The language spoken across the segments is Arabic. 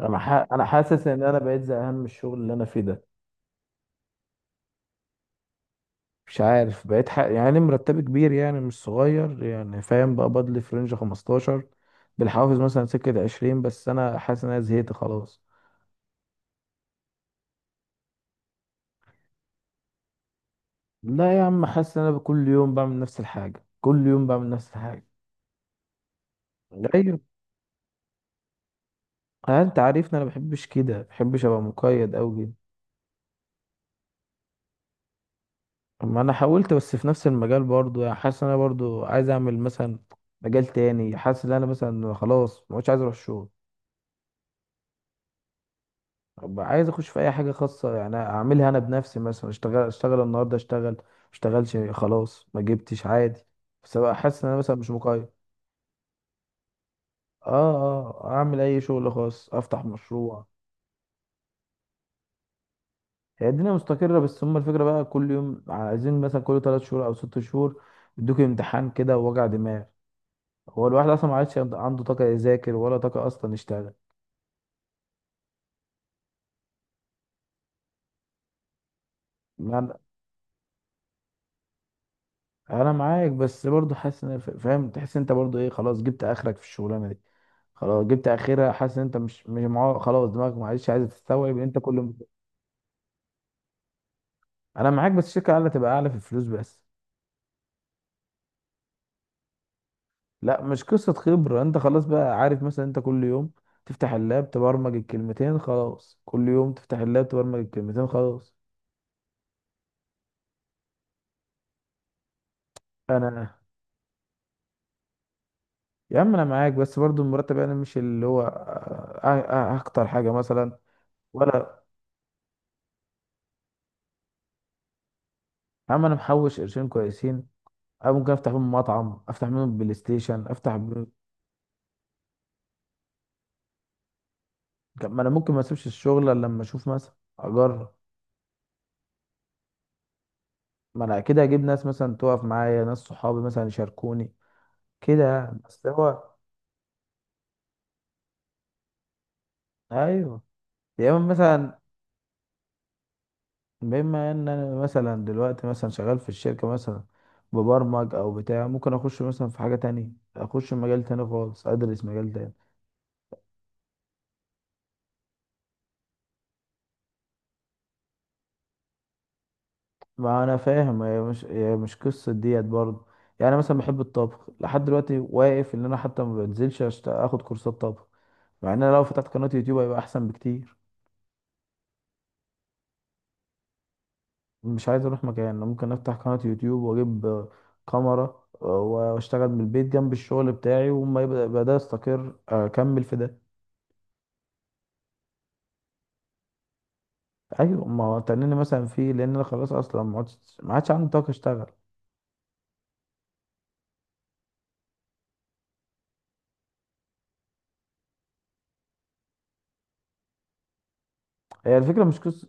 انا حاسس ان انا بقيت زهقان من الشغل اللي انا فيه ده. مش عارف، يعني مرتبي كبير، يعني مش صغير، يعني فاهم، بقى بدلي في رينج 15 بالحوافز، مثلا سكة 20، بس انا حاسس ان انا زهقت خلاص. لا يا عم، حاسس ان انا كل يوم بعمل نفس الحاجة، كل يوم بعمل نفس الحاجة. ايوه. انت عارفني انا بحبش كده، بحبش ابقى مقيد اوي كده. ما انا حاولت بس في نفس المجال برضو، يعني حاسس ان انا برضو عايز اعمل مثلا مجال تاني، حاسس ان انا مثلا خلاص ما عادش عايز اروح الشغل. طب عايز اخش في اي حاجه خاصه، يعني اعملها انا بنفسي، مثلا اشتغل اشتغل النهارده، اشتغل ما اشتغلش خلاص ما جبتش عادي، بس ابقى حاسس ان انا مثلا مش مقيد. اه. اه اعمل اي شغل خاص، افتح مشروع. هي الدنيا مستقره بس هم الفكره بقى كل يوم عايزين مثلا كل 3 شهور او 6 شهور يدوك امتحان كده، ووجع دماغ. هو الواحد اصلا ما عادش عنده طاقه يذاكر، ولا طاقه اصلا يشتغل. يعني انا معاك، بس برضو حاسس ان فاهم، تحس انت برضو ايه، خلاص جبت اخرك في الشغلانه دي، خلاص جبت اخرها، حاسس ان انت مش معاه خلاص، دماغك معلش عايزه تستوعب ان انت كل... انا معاك، بس الشركه اعلى تبقى اعلى في الفلوس بس. لا مش قصه خبره، انت خلاص بقى عارف مثلا انت كل يوم تفتح اللاب تبرمج الكلمتين خلاص، كل يوم تفتح اللاب تبرمج الكلمتين خلاص. انا، يا عم انا معاك، بس برضو المرتب انا مش اللي هو اكتر حاجه مثلا. ولا، يا عم انا محوش قرشين كويسين. أنا ممكن أفتح بيهم مطعم، أفتح بيهم بلاي ستيشن، أفتح بيهم. ما أنا ممكن ما أسيبش الشغل إلا لما أشوف مثلا، أجرب. ما أنا أكيد هجيب ناس مثلا تقف معايا، ناس صحابي مثلا يشاركوني كده يعني. بس هو... أيوه، يا إما مثلا، بما إن أنا مثلا دلوقتي مثلا شغال في الشركة مثلا ببرمج أو بتاع، ممكن أخش مثلا في حاجة تانية، أخش مجال تاني خالص، أدرس مجال تاني. ما انا فاهم، هي مش قصه ديت برضه يعني. أنا مثلا بحب الطبخ، لحد دلوقتي واقف ان انا حتى ما بنزلش اخد كورسات طبخ، مع ان انا لو فتحت قناه يوتيوب هيبقى احسن بكتير. مش عايز اروح مكان، أنا ممكن افتح قناه يوتيوب واجيب كاميرا، واشتغل من البيت جنب الشغل بتاعي، وما يبقى ده استقر اكمل في ده. ايوه ما هو تنيني مثلا فيه، لان انا خلاص اصلا ما عادش عندي طاقه اشتغل. هي الفكره مش قصه.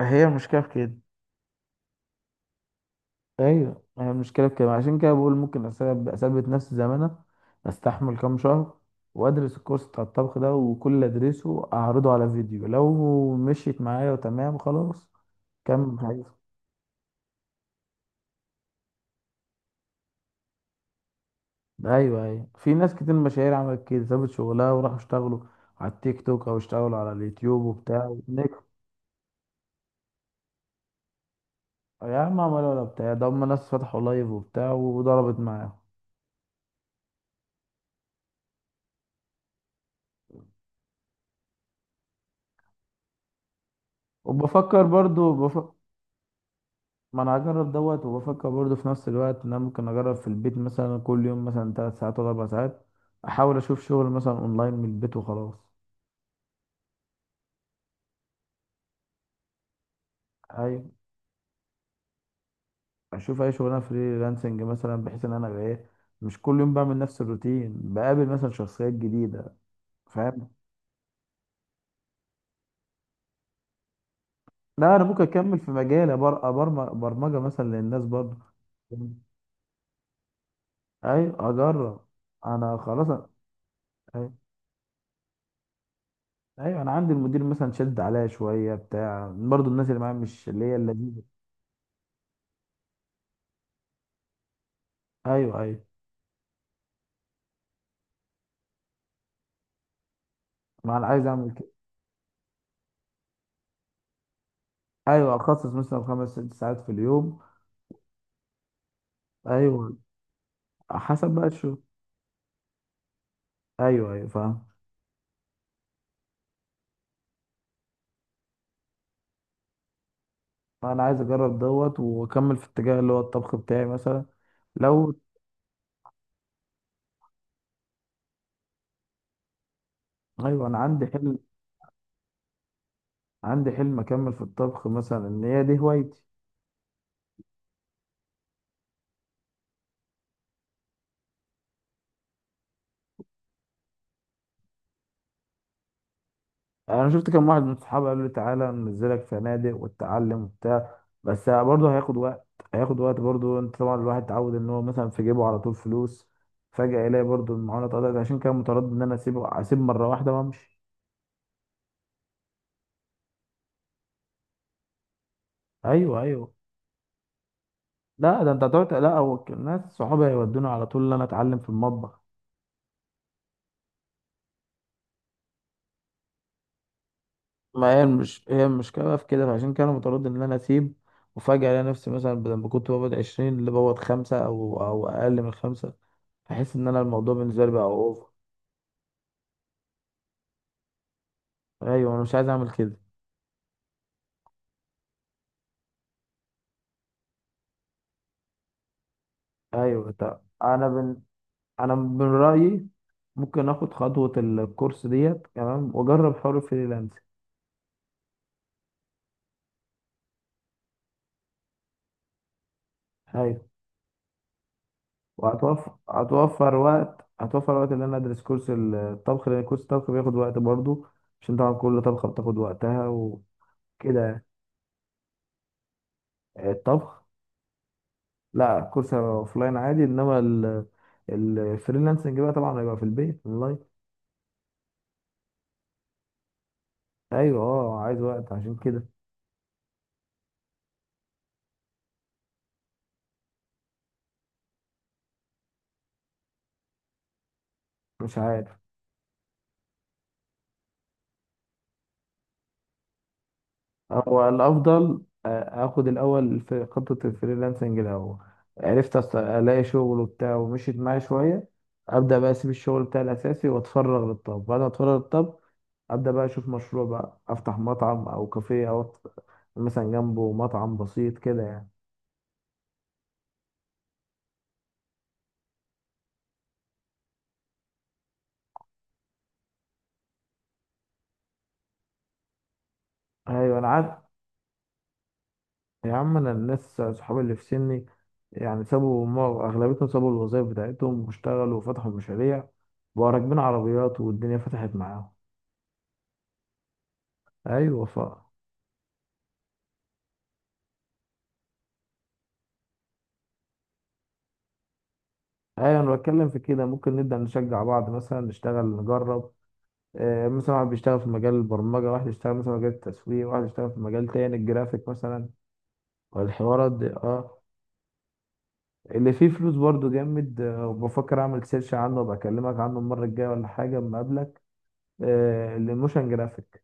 هي المشكله في كده. ايوه هي المشكله في كده، عشان كده بقول ممكن اثبت نفسي زي ما انا، استحمل كام شهر، وادرس الكورس بتاع الطبخ ده، وكل اللي ادرسه اعرضه على فيديو، لو مشيت معايا وتمام خلاص كمل حاجه. ايوه ايوه، في ناس كتير مشاهير عملت كده، سابت شغلها وراحوا اشتغلوا على التيك توك، او اشتغلوا على اليوتيوب وبتاع ونجحوا. يا عم عملوا ولا بتاع، ده هم ناس فتحوا لايف وبتاع وضربت معاهم. وبفكر برضو ما انا هجرب دوت، وبفكر برضه في نفس الوقت ان انا ممكن اجرب في البيت مثلا كل يوم مثلا 3 ساعات ولا 4 ساعات، احاول اشوف شغل مثلا اونلاين من البيت وخلاص. ايوه اشوف اي شغلانه فريلانسنج مثلا، بحيث ان انا أبقى ايه، مش كل يوم بعمل نفس الروتين، بقابل مثلا شخصيات جديده، فاهم. لا انا ممكن اكمل في مجالي، برمجه مثلا للناس برضه. ايوه اجرب. انا خلاص ايوه، ايوه انا عندي المدير مثلا شد عليا شويه بتاع، برضه الناس اللي معايا مش اللي هي اللذيذه. ايوه ايوه، ما انا عايز اعمل كده. ايوه اخصص مثلا خمس ست ساعات في اليوم. ايوه حسب بقى الشغل. ايوه ايوه فاهم. انا عايز اجرب دوت واكمل في الاتجاه اللي هو الطبخ بتاعي مثلا، لو... ايوه انا عندي حلم. عندي حلم اكمل في الطبخ مثلا، ان هي دي هوايتي. انا شفت كم واحد من صحابي قال لي تعالى ننزلك فنادق وتتعلم وبتاع، بس برضه هياخد وقت، هياخد وقت برضه. انت طبعا الواحد اتعود ان هو مثلا في جيبه على طول فلوس، فجأة يلاقي برضه المعونة اتقطعت، عشان كده متردد ان انا اسيبه، اسيب مرة واحدة وامشي. ايوه ايوه. لا ده انت هتقعد، لا هو الناس صحابي هيودوني على طول ان انا اتعلم في المطبخ. ما هي المش... هي المشكله بقى في كده، فعشان كده انا متردد ان انا اسيب، وفجاه الاقي نفسي مثلا بدل ما كنت بقبض 20، اللي بقبض خمسه او اقل من خمسه، احس ان انا الموضوع بالنسبه لي بقى اوفر. ايوه انا مش عايز اعمل كده. ايوه طب انا من رايي ممكن اخد خطوه الكورس ديت تمام واجرب حوار الفريلانس. ايوه وهتوفر وقت، هتوفر وقت ان انا ادرس كورس الطبخ، لان كورس الطبخ بياخد وقت برضه، عشان طبعا كل طبخه بتاخد وقتها وكده. الطبخ. لا كورس اوفلاين عادي، انما الفريلانسنج بقى طبعا هيبقى في البيت اونلاين. ايوه، اه عايز وقت عشان كده. مش عارف. هو الافضل اخد الاول في خطه الفريلانسنج الاول، عرفت الاقي شغل وبتاع ومشيت معايا شويه، ابدا بقى اسيب الشغل بتاعي الاساسي واتفرغ للطبخ. بعد ما اتفرغ للطبخ، ابدا بقى اشوف مشروع بقى، افتح مطعم او كافيه، مثلا جنبه مطعم بسيط كده يعني. ايوه انا عارف. يا عم انا الناس صحابي اللي في سني، يعني سابوا اغلبيتهم سابوا الوظائف بتاعتهم واشتغلوا وفتحوا مشاريع، بقوا راكبين عربيات والدنيا فتحت معاهم. ايوه ايوه انا بتكلم في كده، ممكن نبدا نشجع بعض مثلا، نشتغل نجرب، مثلا واحد بيشتغل في مجال البرمجه، واحد يشتغل مثلا في مجال التسويق، واحد يشتغل في مجال تاني الجرافيك مثلا، والحوارات دي. اه اللي فيه فلوس برضو جامد، وبفكر اعمل سيرش عنه وابقى اكلمك عنه المره الجايه، ولا حاجه اما اقابلك. الموشن جرافيك.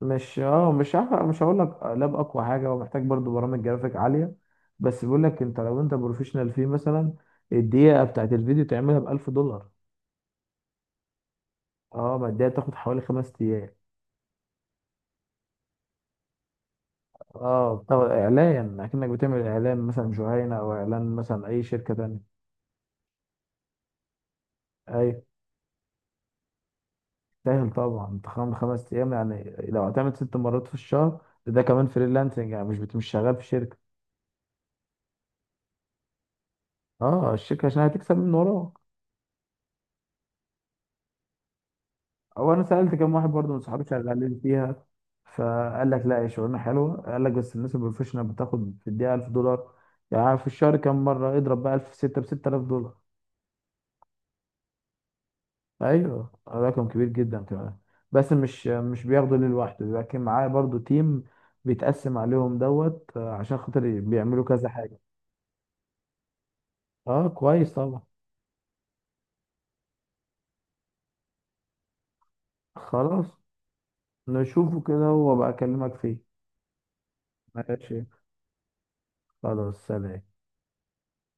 مش اه مش هح- مش هقول لك لاب اقوى حاجه، هو محتاج برضو برامج جرافيك عاليه، بس بيقول لك انت لو انت بروفيشنال فيه مثلا الدقيقه بتاعت الفيديو تعملها ب 1000 دولار. اه ما الدقيقه تاخد حوالي 5 ايام. اه بتاخد اعلان، اكنك بتعمل اعلان مثلا جهينه، او اعلان مثلا اي شركه تانية. أيوة. سهل طبعا انت، 5 ايام يعني لو هتعمل 6 مرات في الشهر، ده كمان فريلانسنج يعني مش شغال في شركه. اه الشركه عشان هتكسب من وراك. او انا سالت كام واحد برضه من صحابي شغالين فيها، فقال لك لا هي شغلانه حلوه، قال لك بس الناس البروفيشنال بتاخد في الدقيقه 1000 دولار، يعني في الشهر كام مره، اضرب بقى 1000 في 6 ب 6000 دولار. ايوه رقم كبير جدا كمان، بس مش بياخده ليه لوحده، لكن معاه برضه تيم بيتقسم عليهم دوت، عشان خاطر بيعملوا كذا حاجه. اه كويس طبعا. خلاص. نشوفه كده وابقى اكلمك فيه. ماشي. خلاص سلام.